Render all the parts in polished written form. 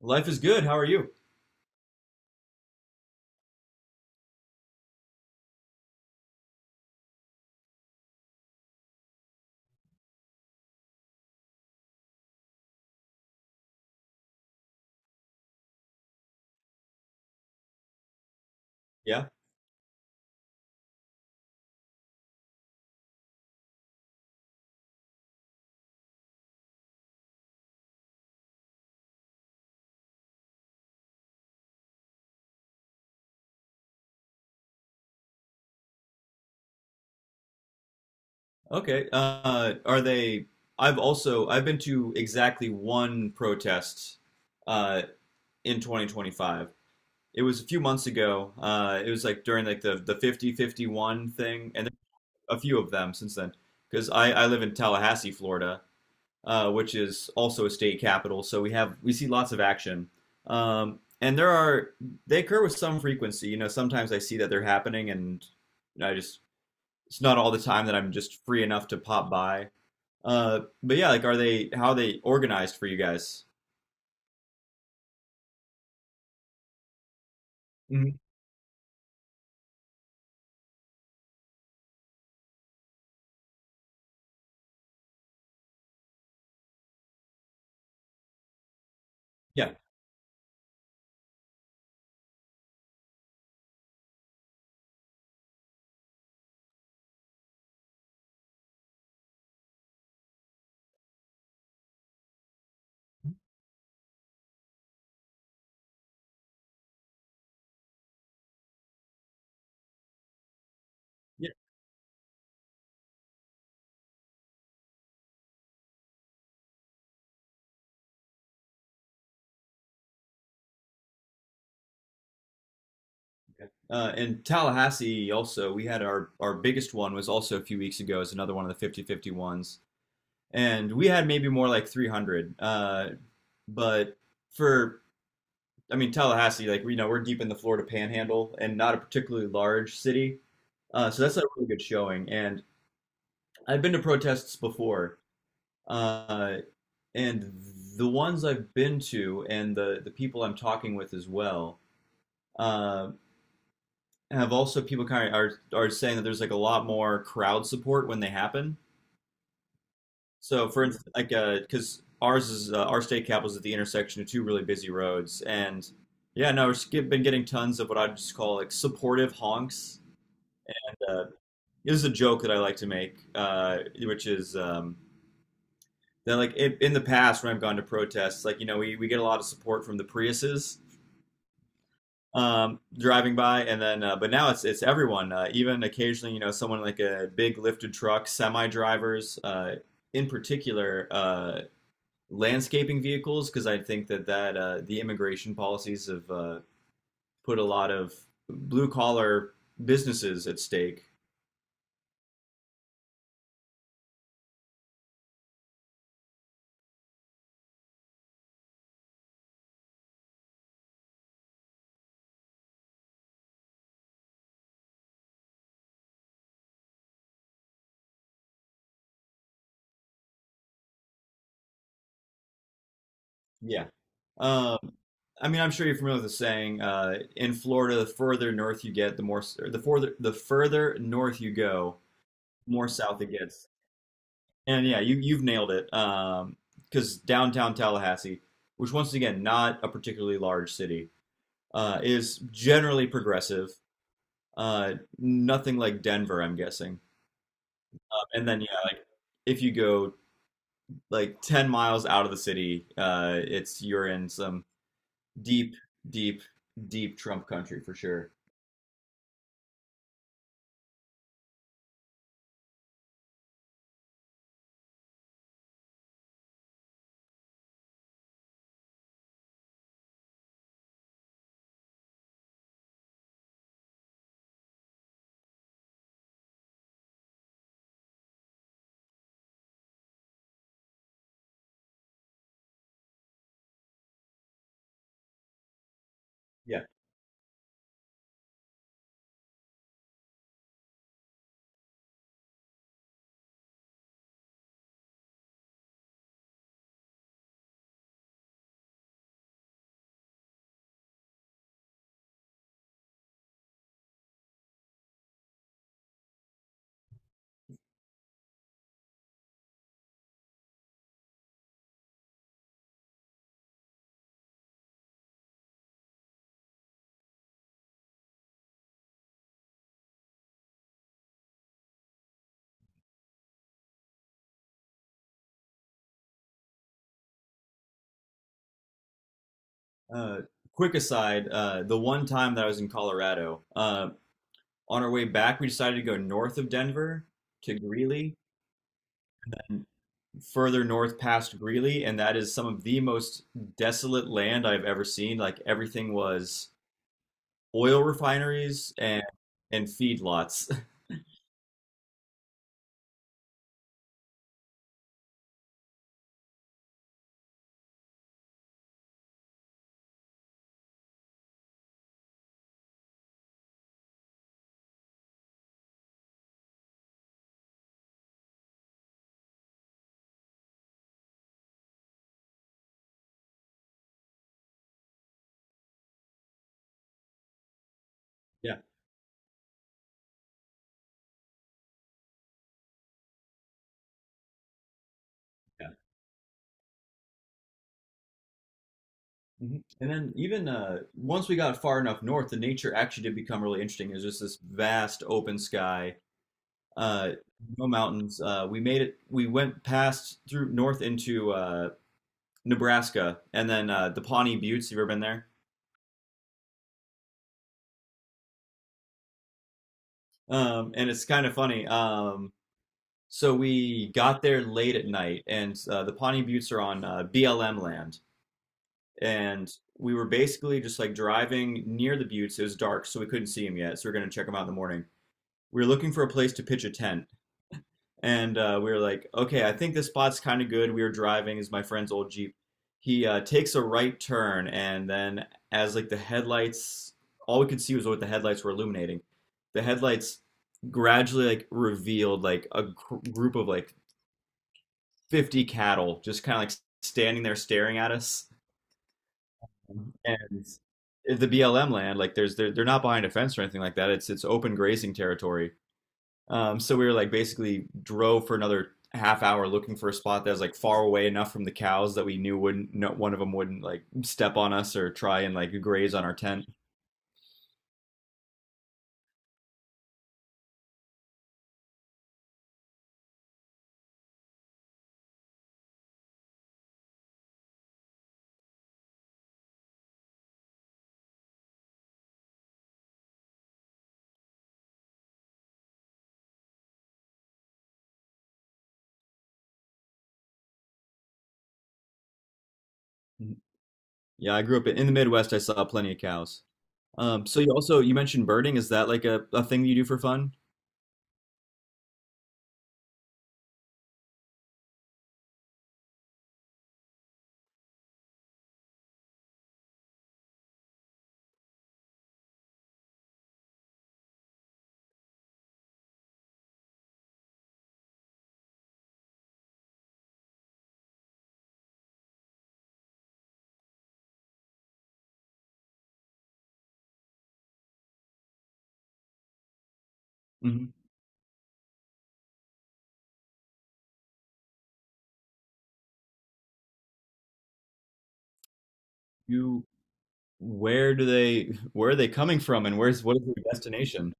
Life is good. How are you? Yeah. Okay. Are they? I've been to exactly one protest uh, in 2025. It was a few months ago. It was like during like the 50-51 thing, and there's a few of them since then. Because I live in Tallahassee, Florida, which is also a state capital, so we see lots of action. And there are they occur with some frequency. You know, sometimes I see that they're happening, and I just it's not all the time that I'm just free enough to pop by. But yeah, like, are they how are they organized for you guys? Mhm. Yeah, yeah. In Tallahassee, also, we had our biggest one was also a few weeks ago. Is another one of the 50 fifty ones, and we had maybe more like 300. But for I mean Tallahassee, like we you know we're deep in the Florida Panhandle and not a particularly large city, so that's a really good showing. And I've been to protests before, uh, and the ones I've been to and the people I'm talking with as well uh, have also people kind of are saying that there's like a lot more crowd support when they happen. So for instance, like because ours is our state cap is at the intersection of two really busy roads, and yeah, no, we've been getting tons of what I just call like supportive honks. Uh, this is a joke that I like to make, uh, which is, that like in the past when I've gone to protests, like you know we get a lot of support from the Priuses, driving by, and then but now it's everyone, even occasionally you know someone like a big lifted truck, semi drivers, in particular landscaping vehicles, because I think that the immigration policies have put a lot of blue collar businesses at stake. Yeah. Um, I mean, I'm sure you're familiar with the saying, in Florida, the further north you get, the more, or the further north you go, more south it gets. And yeah, you've nailed it. Because downtown Tallahassee, which once again not a particularly large city, is generally progressive. Nothing like Denver, I'm guessing. And then yeah, like if you go like 10 miles out of the city, it's you're in some deep, deep, deep Trump country for sure. Yeah. Uh, Quick aside, the one time that I was in Colorado, on our way back, we decided to go north of Denver to Greeley further north past Greeley, and that is some of the most desolate land I've ever seen. Like everything was oil refineries and feedlots. Yeah, yeah. Mhm. And then even once we got far enough north, the nature actually did become really interesting. It was just this vast open sky, uh, no mountains. We made it. We went past through north into Nebraska, and then the Pawnee Buttes. You ever been there? And it's kind of funny. So we got there late at night, and the Pawnee Buttes are on BLM land. And we were basically just like driving near the buttes. It was dark, so we couldn't see them yet. So we are going to check them out in the morning. We were looking for a place to pitch a tent. And we were like, okay, I think this spot's kind of good. We were driving, is my friend's old Jeep. He takes a right turn, and then as like the headlights, all we could see was what the headlights were illuminating. The headlights gradually like revealed like a group of like 50 cattle just kind of like standing there staring at us. And the BLM land, like there's they're not behind a fence or anything like that. It's open grazing territory. So we were like basically drove for another half hour looking for a spot that was like far away enough from the cows that we knew wouldn't no, one of them wouldn't like step on us or try and like graze on our tent. Yeah, I grew up in the Midwest. I saw plenty of cows. So you mentioned birding. Is that like a thing you do for fun? Hmm. You Where do they where are they coming from and where's what is their destination?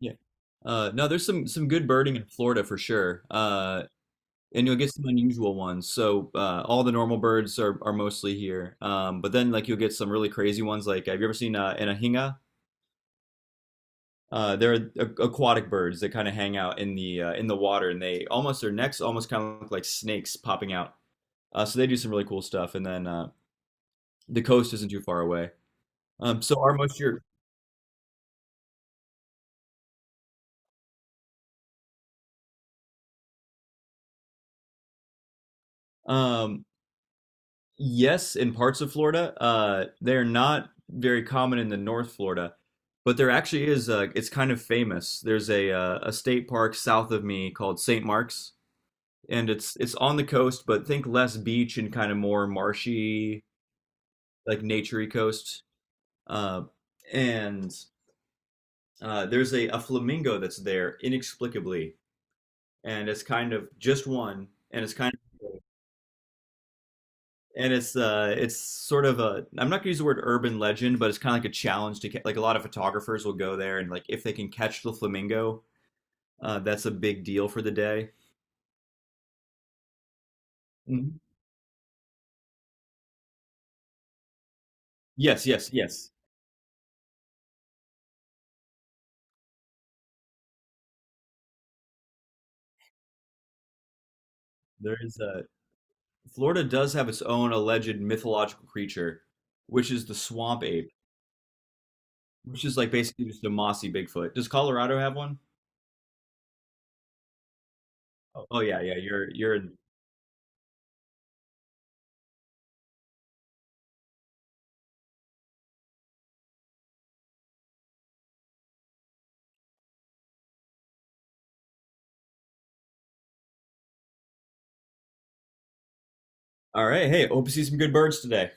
Yeah. No, there's some good birding in Florida for sure. And you'll get some unusual ones. So all the normal birds are mostly here. But then like you'll get some really crazy ones. Like have you ever seen an ahinga? They're aquatic birds that kind of hang out in the water, and they almost their necks almost kind of look like snakes popping out. So they do some really cool stuff. And then the coast isn't too far away. So our most year. Um, yes, in parts of Florida, they're not very common in the North Florida, but there actually is. Uh, it's kind of famous. There's a state park south of me called St. Mark's, and it's on the coast, but think less beach and kind of more marshy, like naturey coast. Uh, and there's a flamingo that's there inexplicably, and it's kind of just one, and it's kind of cool. And it's sort of a I'm not gonna use the word urban legend, but it's kind of like a challenge to like a lot of photographers will go there and like if they can catch the flamingo, that's a big deal for the day. Mhm. Yes, yes, yes. There is a Florida does have its own alleged mythological creature, which is the swamp ape, which is like basically just a mossy Bigfoot. Does Colorado have one? Oh, oh yeah, yeah. You're All right. Hey, hope you see some good birds today.